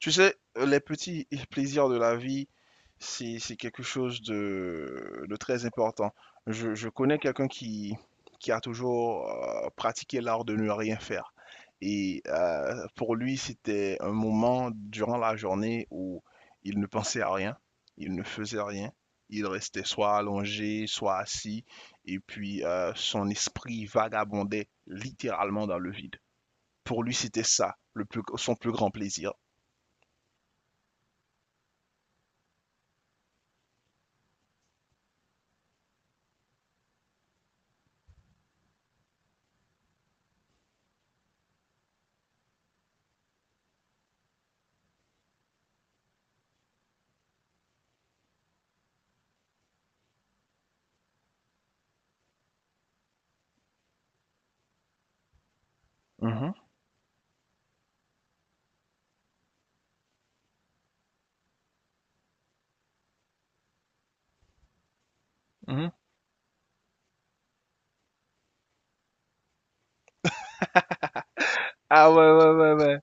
Tu sais, les petits plaisirs de la vie, c'est quelque chose de très important. Je connais quelqu'un qui a toujours pratiqué l'art de ne rien faire. Et pour lui, c'était un moment durant la journée où il ne pensait à rien, il ne faisait rien, il restait soit allongé, soit assis, et puis son esprit vagabondait littéralement dans le vide. Pour lui, c'était ça, le son plus grand plaisir. Mhm. Mhm. Ah ouais, ouais, ouais, ouais.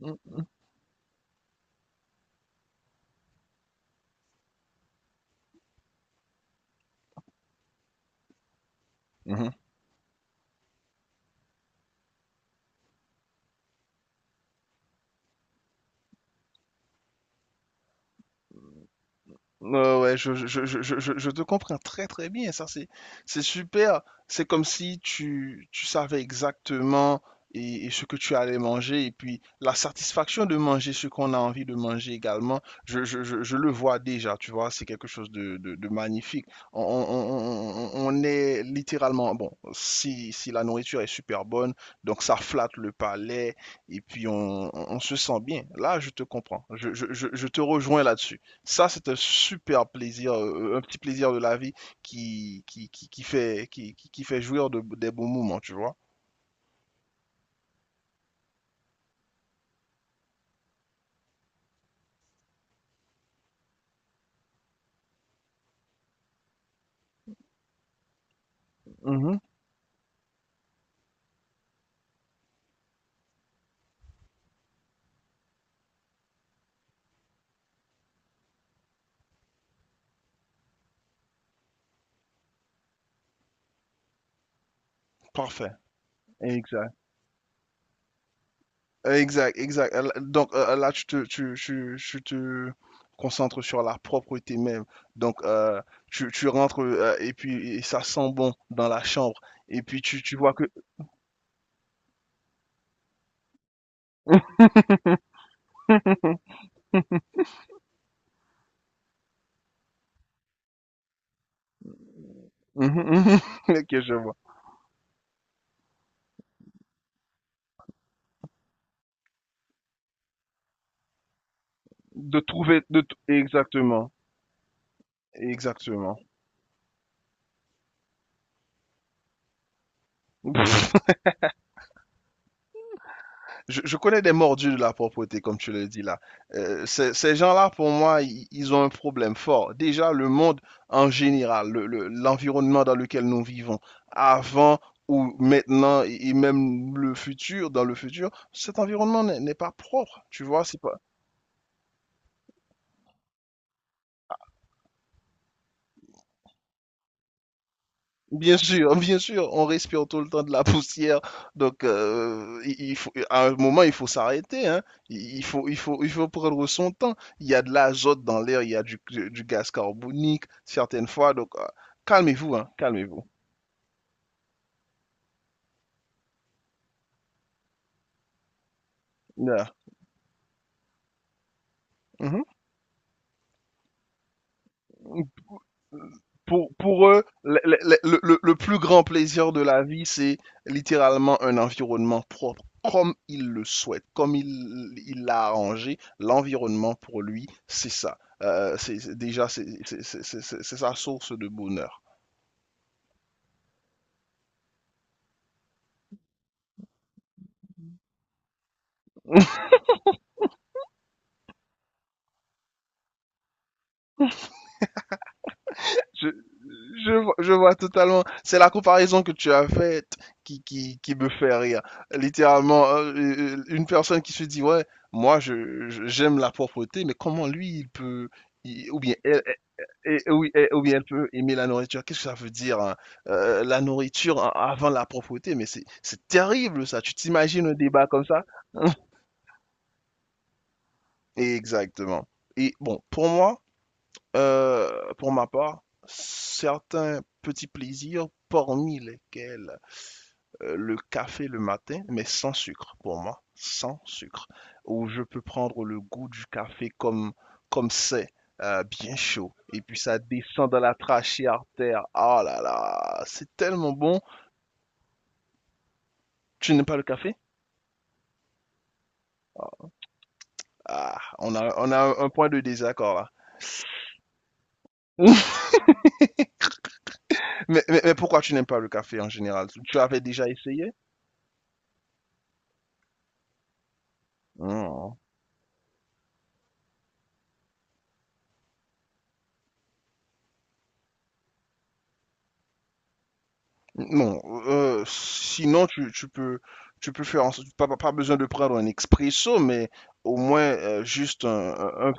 Mhm, mhm, mhm. Ouais, ouais, je te comprends très très bien, ça c'est super. C'est comme si tu, tu savais exactement et ce que tu allais manger et puis la satisfaction de manger ce qu'on a envie de manger également, je le vois déjà, tu vois, c'est quelque chose de magnifique. On est littéralement, bon, si, si la nourriture est super bonne, donc ça flatte le palais et puis on se sent bien. Là, je te comprends, je te rejoins là-dessus. Ça, c'est un super plaisir, un petit plaisir de la vie qui fait, qui fait jouir de, des bons moments, tu vois. Mhm. Parfait. Exact. Exact, exact. Donc là, tu te concentres sur la propreté même. Donc, tu, tu rentres et puis et ça sent bon dans la chambre. Et puis, tu vois que... Mhm, mhm. Ok, je vois. De trouver... De... Exactement. Exactement. Je connais des mordus de la propreté, comme tu le dis là. Ces gens-là, pour moi, ils ont un problème fort. Déjà, le monde en général, l'environnement dans lequel nous vivons, avant ou maintenant, et même le futur, dans le futur, cet environnement n'est pas propre. Tu vois, c'est pas, bien sûr, bien sûr, on respire tout le temps de la poussière, donc il faut, à un moment il faut s'arrêter, hein. Il faut, il faut, il faut prendre son temps. Il y a de l'azote dans l'air, il y a du gaz carbonique certaines fois, donc calmez-vous, hein, calmez-vous. Voilà. Mhm. Pour eux, le plus grand plaisir de la vie, c'est littéralement un environnement propre, comme il le souhaite, comme il l'a arrangé. L'environnement, pour lui, c'est ça. Déjà, c'est sa source de bonheur. Je, je vois totalement. C'est la comparaison que tu as faite qui me fait rire. Littéralement, une personne qui se dit, ouais, moi, j'aime la propreté, mais comment lui, il peut, ou bien elle, et et oui, elle peut aimer la nourriture. Qu'est-ce que ça veut dire, hein. La nourriture avant la propreté, mais c'est terrible ça. Tu t'imagines un débat comme ça? Exactement. Et bon, pour moi, pour ma part, certains petits plaisirs, parmi lesquels le café le matin, mais sans sucre pour moi, sans sucre, où je peux prendre le goût du café comme comme c'est, bien chaud, et puis ça descend dans la trachée artère. Oh là là, c'est tellement bon. Tu n'aimes pas le café? Ah, ah, on a un point de désaccord là. Mais pourquoi tu n'aimes pas le café en général? Tu avais déjà essayé? Hmm. Non, sinon tu, tu peux faire en pas, pas pas besoin de prendre un expresso, mais au moins juste un,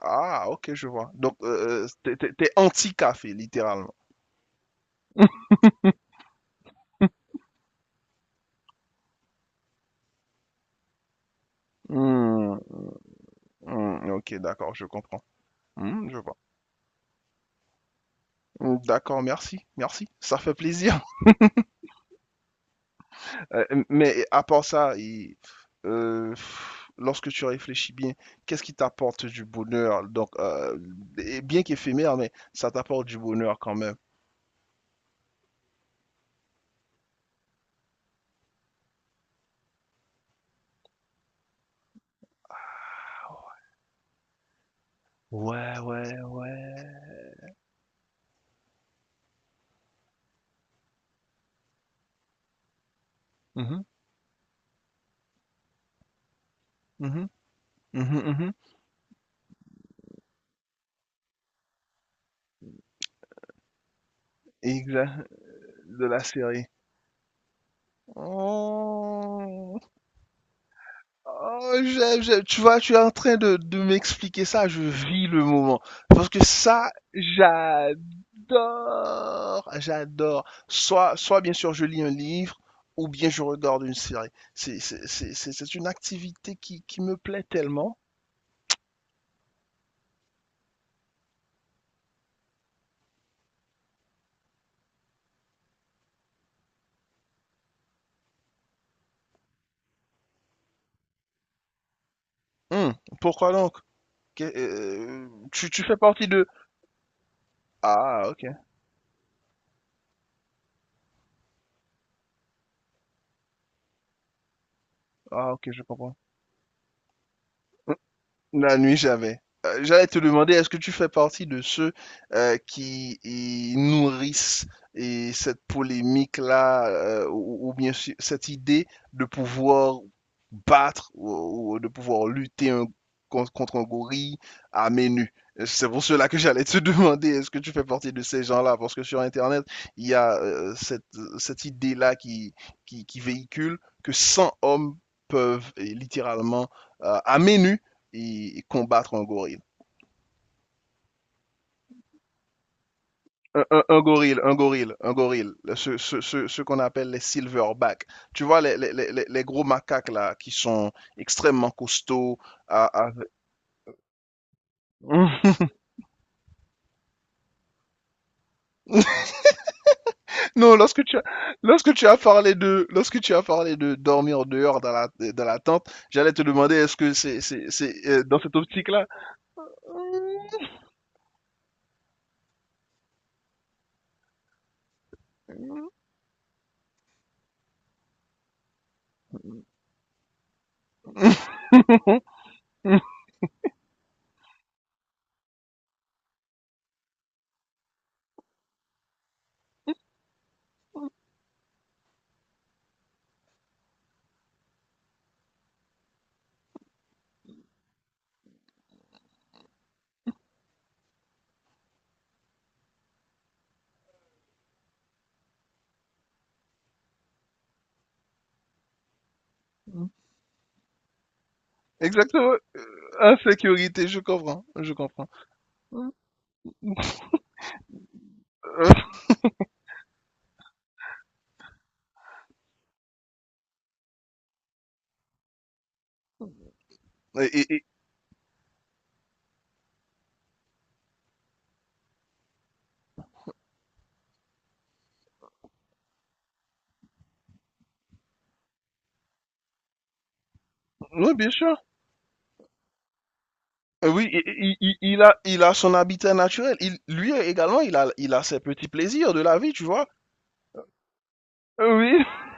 ah, ok, je vois. Donc t'es, t'es anti-café, littéralement. Hmm, hmm, ok, d'accord, je comprends. Hmm, je vois. Hmm, d'accord, merci, merci, ça fait plaisir. Mais à part ça, euh, lorsque tu réfléchis bien, qu'est-ce qui t'apporte du bonheur? Donc, et bien qu'éphémère, mais ça t'apporte du bonheur quand même. Ouais, ouais, ouais. Mhm, mhm, mhm, mhm. Mmh mh. Mmh. Exact, de la série. Oh! Oh, j'aime, j'aime. Tu vois, tu es en train de m'expliquer ça, je vis le moment. Parce que ça, j'adore! J'adore. Soit soit bien sûr je lis un livre ou bien je regarde une série. C'est une activité qui me plaît tellement. Mmh, pourquoi donc? Qu'est tu tu fais partie de ah OK. Ah OK, je comprends. La nuit, jamais. J'allais te demander, est-ce que tu fais partie de ceux qui y nourrissent et cette polémique-là, ou bien sûr, cette idée de pouvoir battre ou de pouvoir lutter contre un gorille à main nue? C'est pour cela que j'allais te demander, est-ce que tu fais partie de ces gens-là? Parce que sur Internet, il y a cette, cette idée-là qui véhicule que 100 hommes peuvent littéralement, à main nue, et, combattre un gorille. Un gorille, ce qu'on appelle les silverback. Tu vois, gros macaques là, qui sont extrêmement costauds. À... non, lorsque tu as parlé de, lorsque tu as parlé de dormir dehors dans la tente, j'allais te demander est-ce que c'est dans cette optique là? Exactement. Insécurité, je comprends, je comprends. Et... oui, bien sûr. Oui, il a son habitat naturel. Il, lui également, il a ses petits plaisirs de la vie, tu vois. Oui.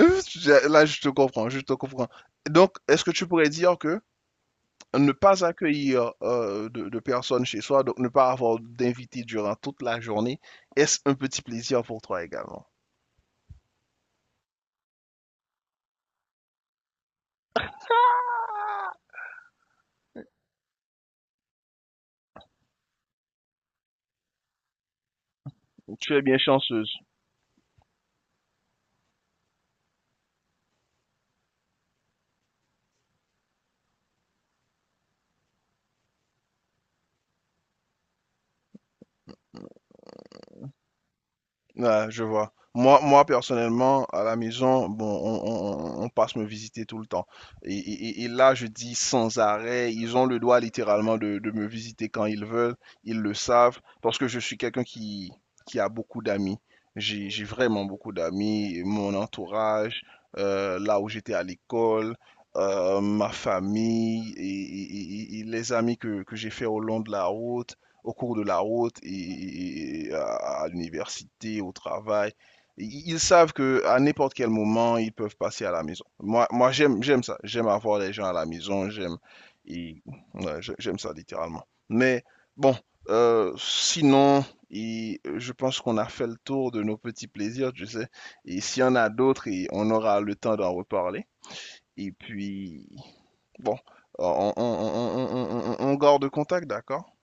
Là, je te comprends, je te comprends. Donc, est-ce que tu pourrais dire que ne pas accueillir de personnes chez soi, donc ne pas avoir d'invités durant toute la journée, est-ce un petit plaisir pour toi également? Tu es bien chanceuse. Ouais, je vois. Moi, moi, personnellement, à la maison, bon, passe me visiter tout le temps. Et, et là, je dis sans arrêt, ils ont le droit littéralement de me visiter quand ils veulent, ils le savent, parce que je suis quelqu'un qui a beaucoup d'amis. J'ai vraiment beaucoup d'amis, mon entourage, là où j'étais à l'école, ma famille et, et les amis que j'ai fait au long de la route au cours de la route et, à l'université, au travail. Ils savent que à n'importe quel moment, ils peuvent passer à la maison. Moi, moi j'aime, j'aime ça. J'aime avoir les gens à la maison. J'aime, et, ouais, j'aime ça littéralement. Mais bon, sinon, et, je pense qu'on a fait le tour de nos petits plaisirs, tu sais. Et s'il y en a d'autres, et on aura le temps d'en reparler. Et puis, bon, on garde contact, d'accord?